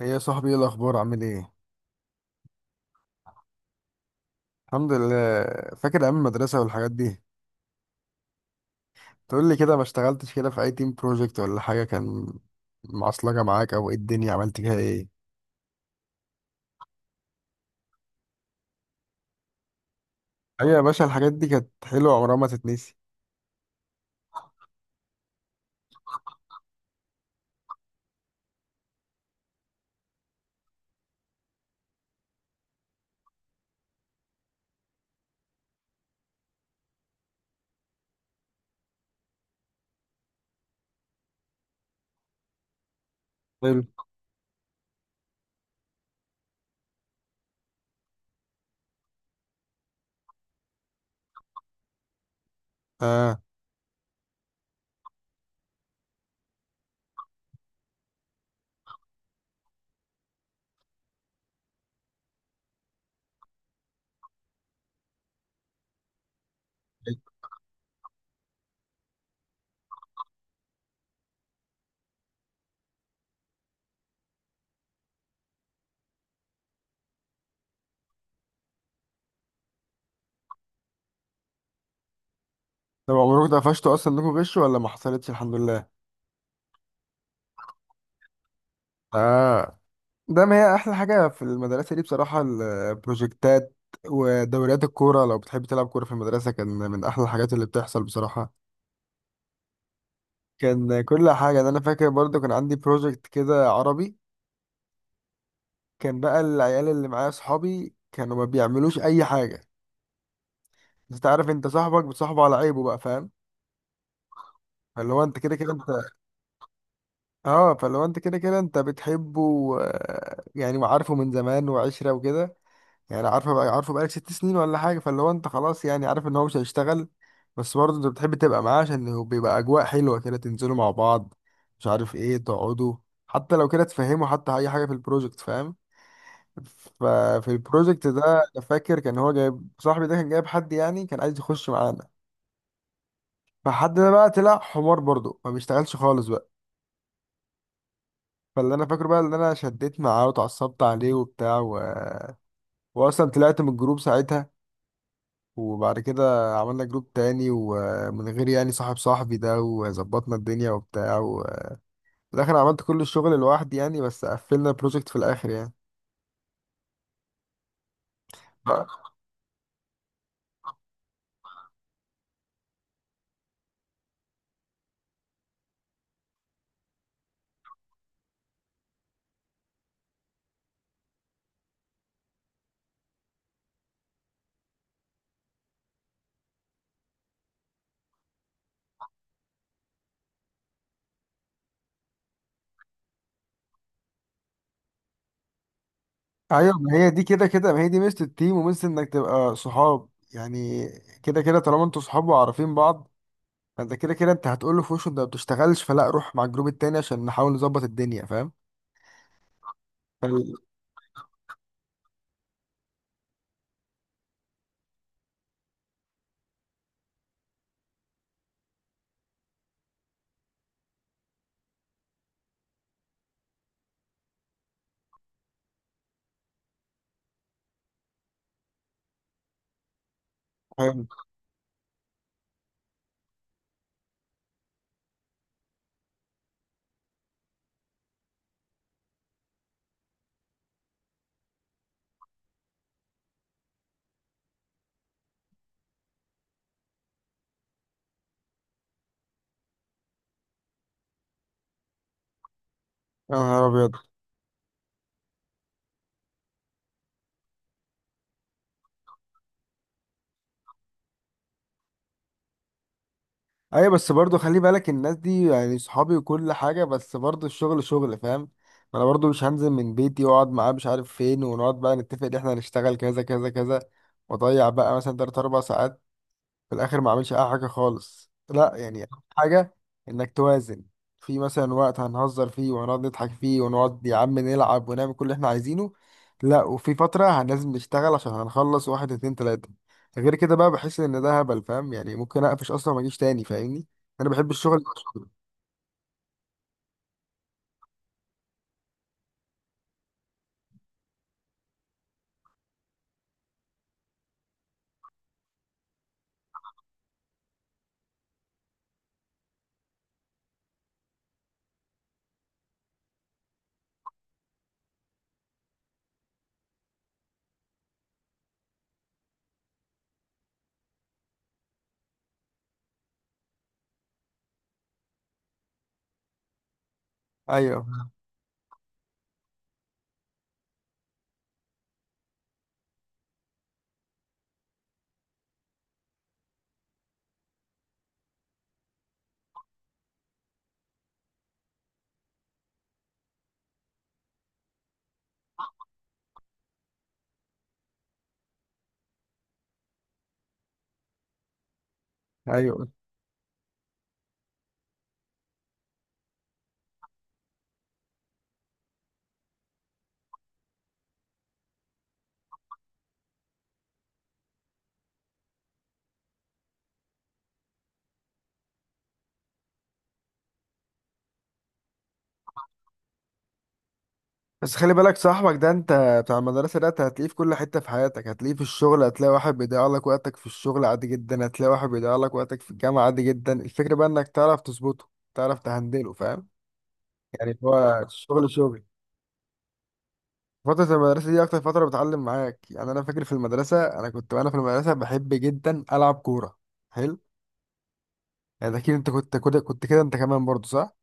هي يا صاحبي، ايه الاخبار؟ عامل ايه؟ الحمد لله. فاكر ايام المدرسه والحاجات دي؟ تقول لي كده، ما اشتغلتش كده في اي تيم بروجكت ولا حاجه كان معصلجه معاك؟ او ايه الدنيا، عملت فيها ايه؟ ايوه يا باشا، الحاجات دي كانت حلوه، عمرها ما تتنسي. حلو. اه. طب عمركم اتقفشتوا اصلا انكم غشوا ولا ما حصلتش؟ الحمد لله. اه، ده ما هي احلى حاجه في المدرسه دي بصراحه البروجكتات، ودوريات الكوره لو بتحب تلعب كوره في المدرسه كان من احلى الحاجات اللي بتحصل بصراحه. كان كل حاجة. ده أنا فاكر برضو كان عندي بروجكت كده عربي، كان بقى العيال اللي معايا صحابي كانوا ما بيعملوش أي حاجة. بس أنت عارف، أنت صاحبك بتصاحبه على عيبه بقى، فاهم؟ فاللي هو أنت كده كده أنت. أه، فاللي هو أنت كده كده أنت بتحبه، يعني وعارفه من زمان وعشرة وكده. يعني عارفه بقى، عارفه بقالك 6 سنين ولا حاجة، فاللي هو أنت خلاص يعني عارف إن هو مش هيشتغل. بس برضه أنت بتحب تبقى معاه عشان هو بيبقى أجواء حلوة كده، تنزلوا مع بعض، مش عارف إيه، تقعدوا، حتى لو كده تفهموا حتى أي حاجة في البروجكت، فاهم؟ ففي البروجكت ده انا فاكر كان هو جايب صاحبي ده، كان جايب حد يعني كان عايز يخش معانا. فحد ده بقى طلع حمار برضه، ما بيشتغلش خالص بقى. فاللي انا فاكره بقى ان انا شديت معاه واتعصبت عليه وبتاع واصلا طلعت من الجروب ساعتها. وبعد كده عملنا جروب تاني، ومن غير يعني صاحب صاحبي ده، وظبطنا الدنيا وبتاع في الاخر عملت كل الشغل لوحدي يعني، بس قفلنا البروجكت في الاخر يعني. ايوه، ما هي دي كده كده، ما هي دي ميزه التيم وميزه انك تبقى صحاب يعني. كده كده طالما انتوا صحاب وعارفين بعض، فانت كده كده انت هتقول له في وشه انت ما بتشتغلش، فلا روح مع الجروب التاني عشان نحاول نظبط الدنيا، فاهم؟ فال- فاهم. يا نهار ابيض. ايوه بس برضو خلي بالك، الناس دي يعني صحابي وكل حاجه، بس برضو الشغل شغل، فاهم؟ ما انا برضو مش هنزل من بيتي واقعد معاه مش عارف فين، ونقعد بقى نتفق ان احنا هنشتغل كذا كذا كذا، واضيع بقى مثلا 3 4 ساعات، في الاخر ما اعملش اي حاجه خالص. لا يعني أهم حاجه انك توازن، في مثلا وقت هنهزر فيه وهنقعد نضحك فيه ونقعد يا عم نلعب ونعمل كل اللي احنا عايزينه، لا وفي فتره لازم نشتغل عشان هنخلص واحد اتنين تلاته. غير كده بقى بحس ان ده هبل، فاهم؟ يعني ممكن اقفش اصلا ما اجيش تاني، فاهمني؟ انا بحب الشغل يبقى شغل. ايوه ايوه. بس خلي بالك صاحبك ده انت، بتاع المدرسة ده، انت هتلاقيه في كل حتة في حياتك، هتلاقيه في الشغل، هتلاقي واحد بيضيع لك وقتك في الشغل عادي جدا، هتلاقي واحد بيضيع لك وقتك في الجامعة عادي جدا. الفكرة بقى انك تعرف تظبطه، تعرف تهندله، فاهم؟ يعني هو الشغل شغل. فترة المدرسة دي أكتر فترة بتعلم معاك، يعني أنا فاكر في المدرسة أنا كنت، وأنا في المدرسة بحب جدا ألعب كورة. حلو. يعني أكيد أنت كنت كده، كنت كده أنت كمان برضو، صح؟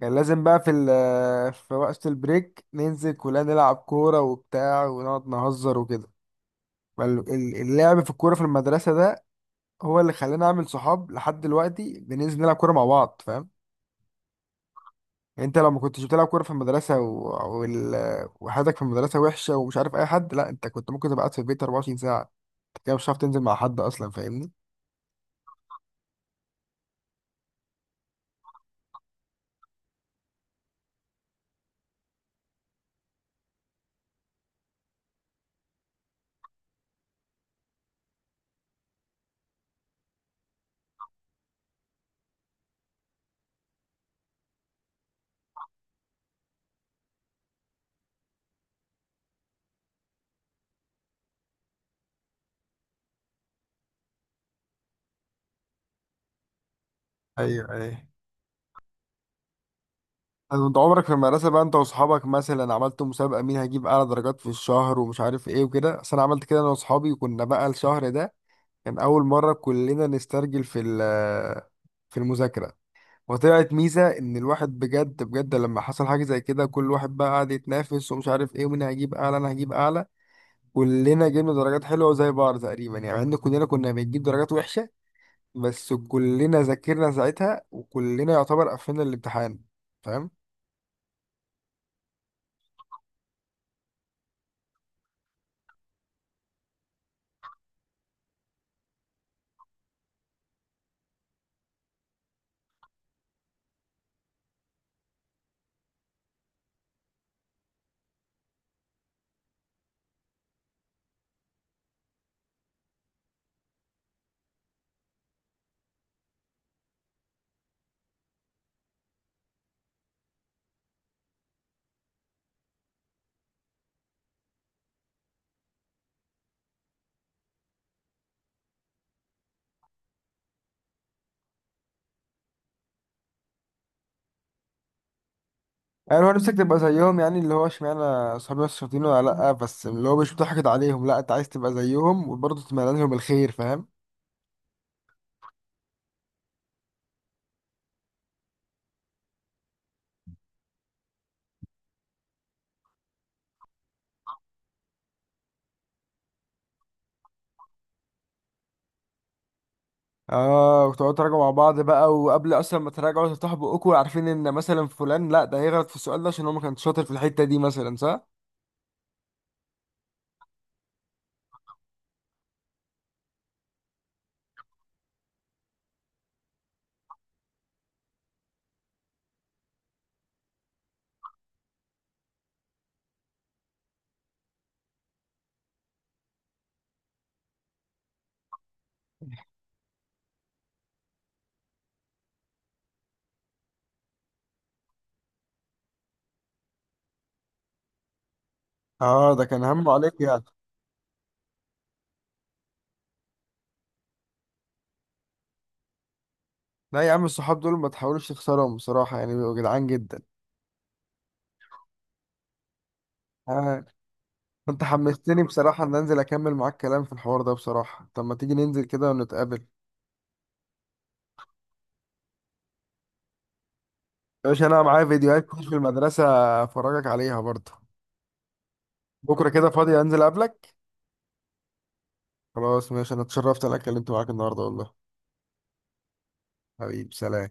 كان لازم بقى في وقت البريك ننزل كلنا نلعب كورة وبتاع، ونقعد نهزر وكده. اللعب في الكورة في المدرسة ده هو اللي خلاني أعمل صحاب لحد دلوقتي، بننزل نلعب كورة مع بعض، فاهم؟ يعني أنت لو ما كنتش بتلعب كورة في المدرسة وال... وحياتك في المدرسة وحشة ومش عارف أي حد، لا أنت كنت ممكن تبقى قاعد في البيت 24 ساعة. أنت كده مش هتعرف تنزل مع حد أصلا، فاهمني؟ ايوه ايوه. أنا أنت عمرك في المدرسة بقى أنت وأصحابك مثلا عملتوا مسابقة مين هيجيب أعلى درجات في الشهر ومش عارف إيه وكده؟ أصل أنا عملت كده أنا وأصحابي، وكنا بقى الشهر ده كان أول مرة كلنا نسترجل في المذاكرة. وطلعت ميزة إن الواحد بجد بجد لما حصل حاجة زي كده كل واحد بقى قعد يتنافس ومش عارف إيه، ومين هيجيب أعلى، أنا هجيب أعلى. كلنا جبنا درجات حلوة زي بعض تقريبا يعني، مع إن كلنا كنا بنجيب درجات وحشة. بس كلنا ذاكرنا ساعتها وكلنا يعتبر قفلنا الامتحان، فاهم؟ يعني هو نفسك تبقى زيهم يعني، اللي هو اشمعنى أصحابي نفس الشاطرين ولا لأ، بس اللي هو مش بتحقد عليهم، لأ أنت عايز تبقى زيهم وبرضه تتمنى لهم الخير، فاهم؟ اه، وتقعدوا تراجعوا مع بعض بقى، وقبل اصلا ما تراجعوا تفتحوا بقكم عارفين ان مثلا فلان، لا ده هيغلط في السؤال ده عشان هو ما كانش شاطر في الحتة دي مثلا، صح؟ اه، ده كان همه عليك يعني. لا يا عم، الصحاب دول ما تحاولوش تخسرهم بصراحة، يعني بيبقوا جدعان جدا. آه. انت حمستني بصراحة ان انزل اكمل معاك كلام في الحوار ده بصراحة، طب ما تيجي ننزل كده ونتقابل؟ يا باشا انا معايا فيديوهات كتير في المدرسة، افرجك عليها برضه. بكرة كده فاضي، انزل اقابلك. خلاص ماشي، انا اتشرفت إن انا اتكلمت معاك النهاردة والله. حبيب، سلام.